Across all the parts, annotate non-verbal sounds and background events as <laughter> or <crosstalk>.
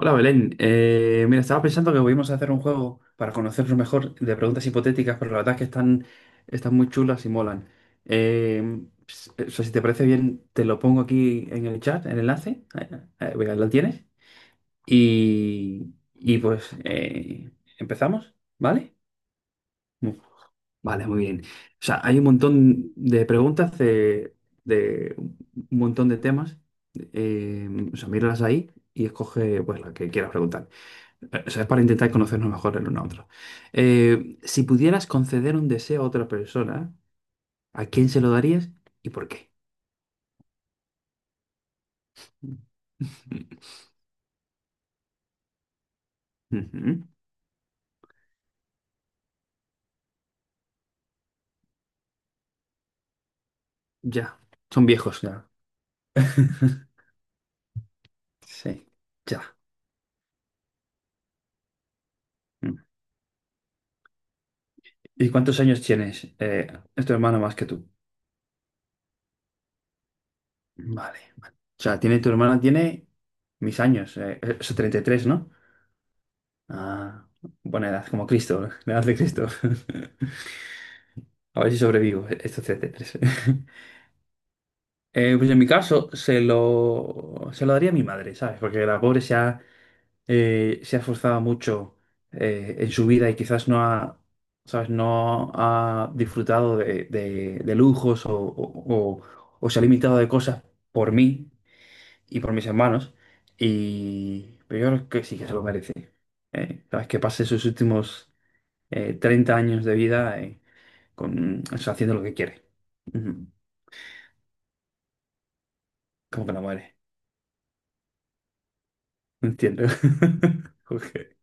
Hola Belén. Mira, estaba pensando que podíamos hacer un juego para conocernos mejor de preguntas hipotéticas, pero la verdad es que están muy chulas y molan. Eh, o sea, si te parece bien, te lo pongo aquí en el chat, el enlace. Venga, lo tienes. Y pues empezamos, ¿vale? Mu- Vale, muy bien. O sea, hay un montón de preguntas de un montón de temas. Eh, o sea, míralas ahí y escoge, pues, la que quieras preguntar. O sea, es para intentar conocernos mejor el uno a otro. Si pudieras conceder un deseo a otra persona, ¿a quién se lo darías y por qué? <laughs> Ujú. Ya, son viejos ya. <laughs> Sí, ya. Mm. ¿Y cuántos años tienes? Es tu hermana más que tú. Vale, vale. O sea, tiene tu hermana, tiene mis años, o sea, 33, ¿no? Ah, buena edad, como Cristo, la edad de Cristo. <laughs> A ver si sobrevivo estos 33. <laughs> Pues en mi caso se lo daría a mi madre, ¿sabes? Porque la pobre se ha esforzado mucho en su vida y quizás no ha, ¿sabes?, no ha disfrutado de, de lujos o, o se ha limitado de cosas por mí y por mis hermanos. Y pero yo creo que sí que se lo merece. ¿Sabes? Que pase sus últimos 30 años de vida con, o sea, haciendo lo que quiere. Ujú. Como que no muere. No entiendo. <laughs> Ok.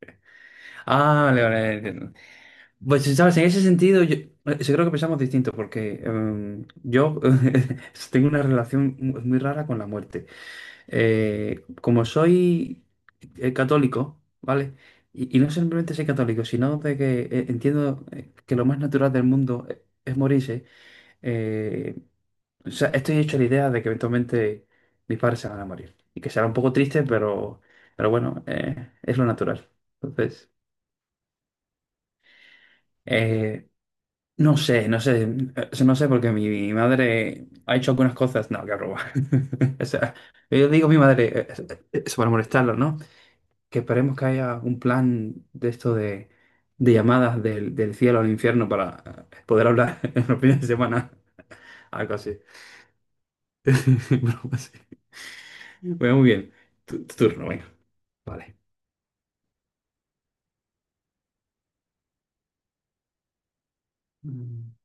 Ah, vale, vale, entiendo. Pues, ¿sabes? En ese sentido, yo creo que pensamos distinto, porque yo <laughs> tengo una relación muy rara con la muerte. Como soy católico, ¿vale? Y no simplemente soy católico, sino de que entiendo que lo más natural del mundo es morirse. eh, o sea, estoy hecho la idea de que eventualmente mis padres se van a morir. Y que será un poco triste, pero bueno, es lo natural. Entonces... Eh, No sé, no sé, no sé porque mi madre ha hecho algunas cosas, no, que roba. <laughs> O sea, yo digo a mi madre, eso para molestarlo, ¿no? Que esperemos que haya un plan de esto de llamadas del cielo al infierno para poder hablar <laughs> en los fines de semana, algo así. <laughs> Broma así. Bueno, muy bien, tu turno, venga, vale. Mm.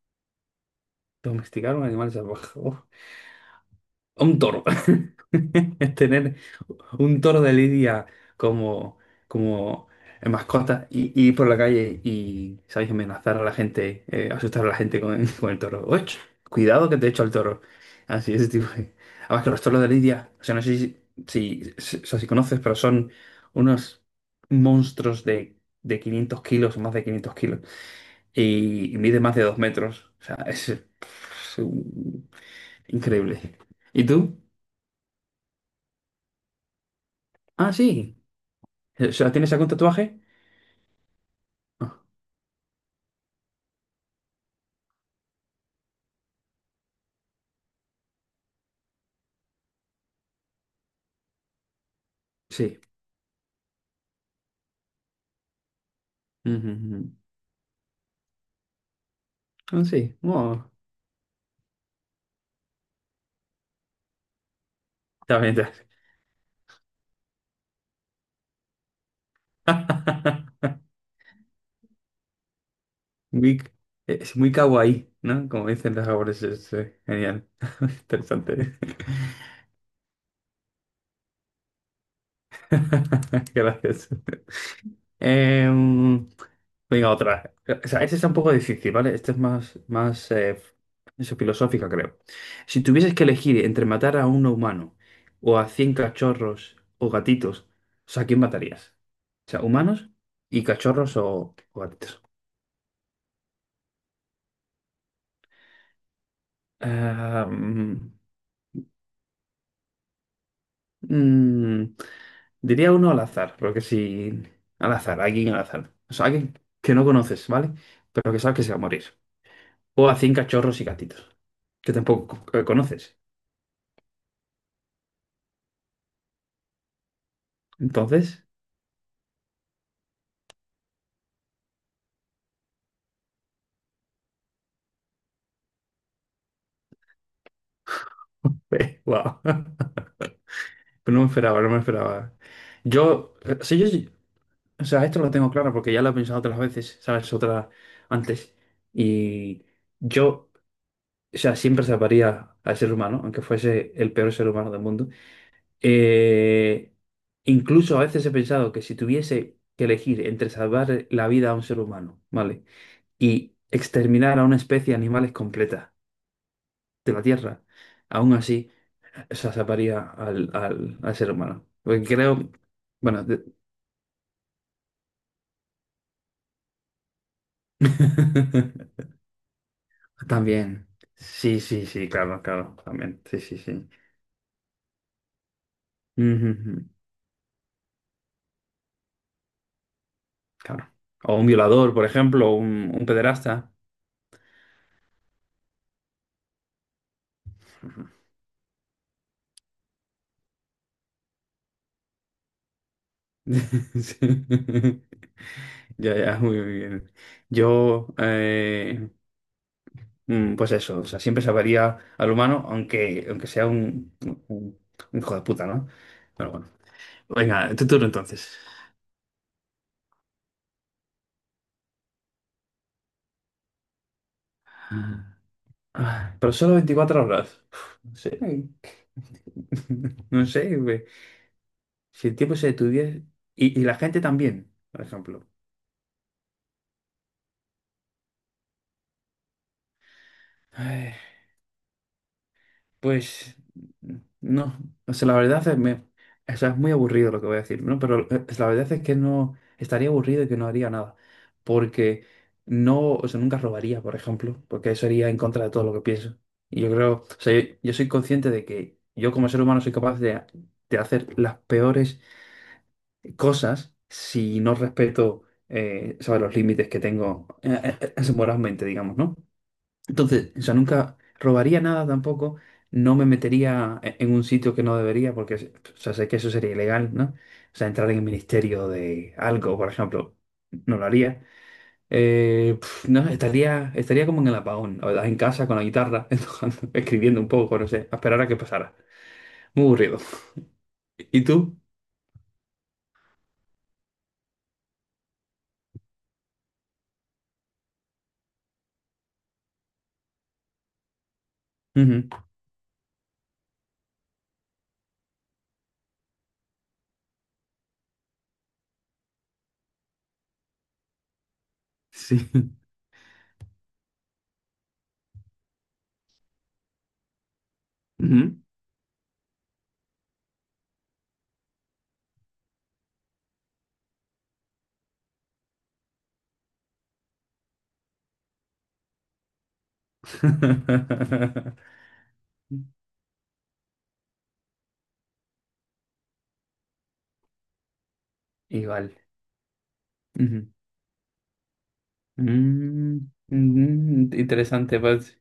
Domesticar un animal salvaje. <laughs> Uf. Un toro. <laughs> Tener un toro de lidia como, como mascota y ir por la calle y, ¿sabéis? Amenazar a la gente, asustar a la gente con, <laughs> con el toro. ¡Och! Cuidado que te echo al toro. Así, ese tipo de... Además que los toros de lidia, o sea, no sé si, o sea, si conoces, pero son unos monstruos de 500 kilos o más de 500 kilos. Y mide más de 2 metros. O sea, es un- increíble. ¿Y tú? Ah, sí. O sea, ¿tienes algún tatuaje? Ah, sí. Ujú, ujú. Ah, sí. Oh, está bien, está bien. <laughs> Muy- es muy kawaii, ¿no? Como dicen los japoneses. Es genial. <laughs> Interesante. <laughs> Gracias. Em, Venga, otra. O sea, esta está un poco difícil, ¿vale? Esta es más eso, filosófica, creo. Si tuvieses que elegir entre matar a un humano o a 100 cachorros o gatitos, o sea, ¿a quién matarías? O sea, humanos y cachorros o gatitos. Ah, mm, diría uno al azar, porque si... Al azar, alguien al azar. O sea, alguien que no conoces, ¿vale? Pero que sabes que se va a morir. O a 100 cachorros y gatitos, que tampoco conoces. Entonces... Ve, wow. <laughs> Pero no me esperaba, no me esperaba. Yo, sí, o sea, esto lo tengo claro porque ya lo he pensado otras veces, ¿sabes? Otras antes. Y yo, o sea, siempre salvaría al ser humano, aunque fuese el peor ser humano del mundo. Eh, Incluso a veces he pensado que si tuviese que elegir entre salvar la vida a un ser humano, ¿vale? Y exterminar a una especie de animales completa de la Tierra, aún así. Sea, salvaría al ser humano. Porque creo, bueno, <laughs> también. Sí, sí, sí, claro, claro, también. Sí, sí, sí. Ujú, ujú, claro. O un violador, por ejemplo, o un pederasta. Ujú. <laughs> Sí. Ya, ya, muy bien. Yo, pues eso, o sea, siempre salvaría al humano, aunque sea un, un, un hijo de puta, ¿no? Pero bueno. Venga, tu turno entonces. Ah, pero solo 24 horas. Uf, no sé. <laughs> No sé, güey. Si el tiempo se detuviera. Y la gente también, por ejemplo. Ay, pues. No. O sea, la verdad es, o sea, es muy aburrido lo que voy a decir, ¿no? Pero la verdad es que no. Estaría aburrido y que no haría nada. Porque no. O sea, nunca robaría, por ejemplo. Porque eso iría en contra de todo lo que pienso. Y yo creo. O sea, yo, soy consciente de que yo como ser humano soy capaz de hacer las peores cosas si no respeto, ¿sabes? Los límites que tengo moralmente, digamos, ¿no? Entonces, o sea, nunca robaría nada tampoco, no me metería en un sitio que no debería, porque, o sea, sé que eso sería ilegal, ¿no? O sea, entrar en el ministerio de algo, por ejemplo, no lo haría. No, estaría como en el apagón, la verdad, en casa con la guitarra, <laughs> tocando, escribiendo un poco, no sé, a esperar a que pasara. Muy aburrido. ¿Y tú? Ujú. Sí. <laughs> Ujú. <laughs> Igual. Ujú. Mm, Interesante, pues.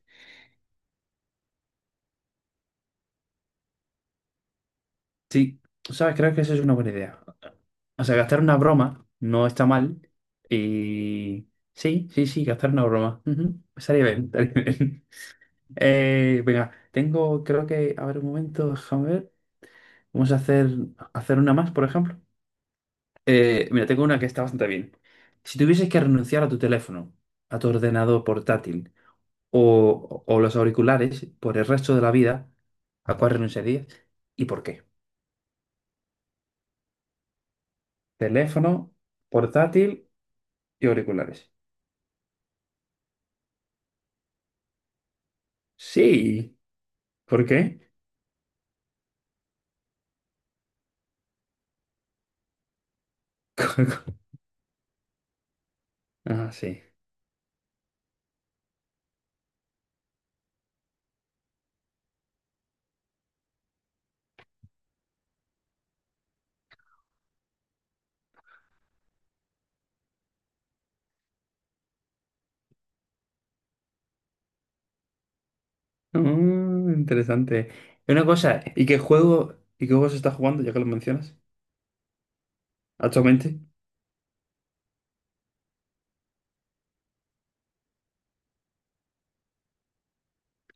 Sí, sabes, creo que eso es una buena idea. O sea, gastar una broma no está mal. Y sí, sí, sí, gastar una broma. Ujú. Estaría bien, estaría bien. <laughs> Venga, tengo, creo que, a ver un momento, déjame ver. Vamos a hacer una más, por ejemplo. Mira, tengo una que está bastante bien. Si tuvieses que renunciar a tu teléfono, a tu ordenador portátil, o los auriculares por el resto de la vida, ¿a cuál renunciarías y por qué? Teléfono, portátil y auriculares. Sí, ¿por qué? <laughs> Ah, sí. Mm, interesante. Y una cosa, ¿y qué juego se está jugando, ya que lo mencionas? ¿Actualmente?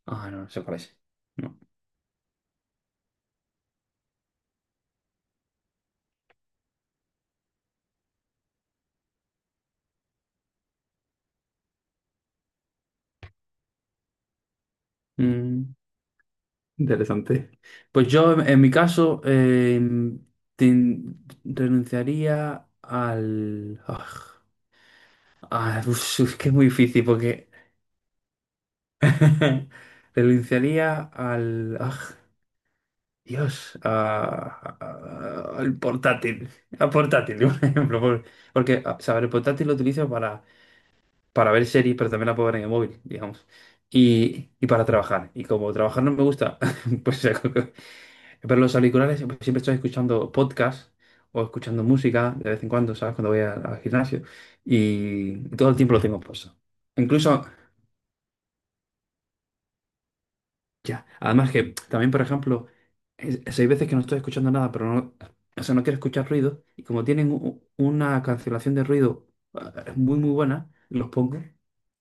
Ah, no, no sé cuál es. No. Mm, interesante. Pues yo, en mi caso, renunciaría al... <laughs> pues, es que es muy difícil porque <laughs> renunciaría al... Dios, al portátil. Al portátil, <laughs> por ejemplo. Porque, o sea, el portátil lo utilizo para ver series, pero también la puedo ver en el móvil, digamos. Y para trabajar. Y como trabajar no me gusta, <laughs> pues pero los auriculares siempre siempre estoy escuchando podcasts o escuchando música de vez en cuando, ¿sabes? Cuando voy al gimnasio. Y todo el tiempo lo tengo puesto. Incluso. Ya. Además que también, por ejemplo, hay veces que no estoy escuchando nada, pero no, o sea, no quiero escuchar ruido. Y como tienen una cancelación de ruido muy, muy buena, los pongo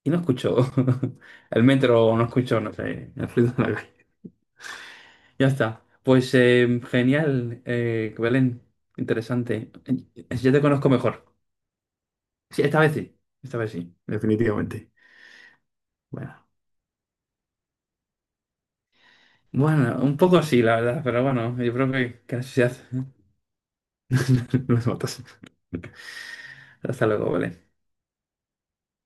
y no escucho <laughs> el metro o no escucho, no sé, el ruido de la calle. Ya está. Pues genial, Belén. Interesante. Ya te conozco mejor. Sí, esta vez sí. Esta vez sí, definitivamente. Bueno. Bueno, un poco sí, la verdad, pero bueno, yo creo que, la sociedad <laughs> nos matas. Hasta luego, Belén.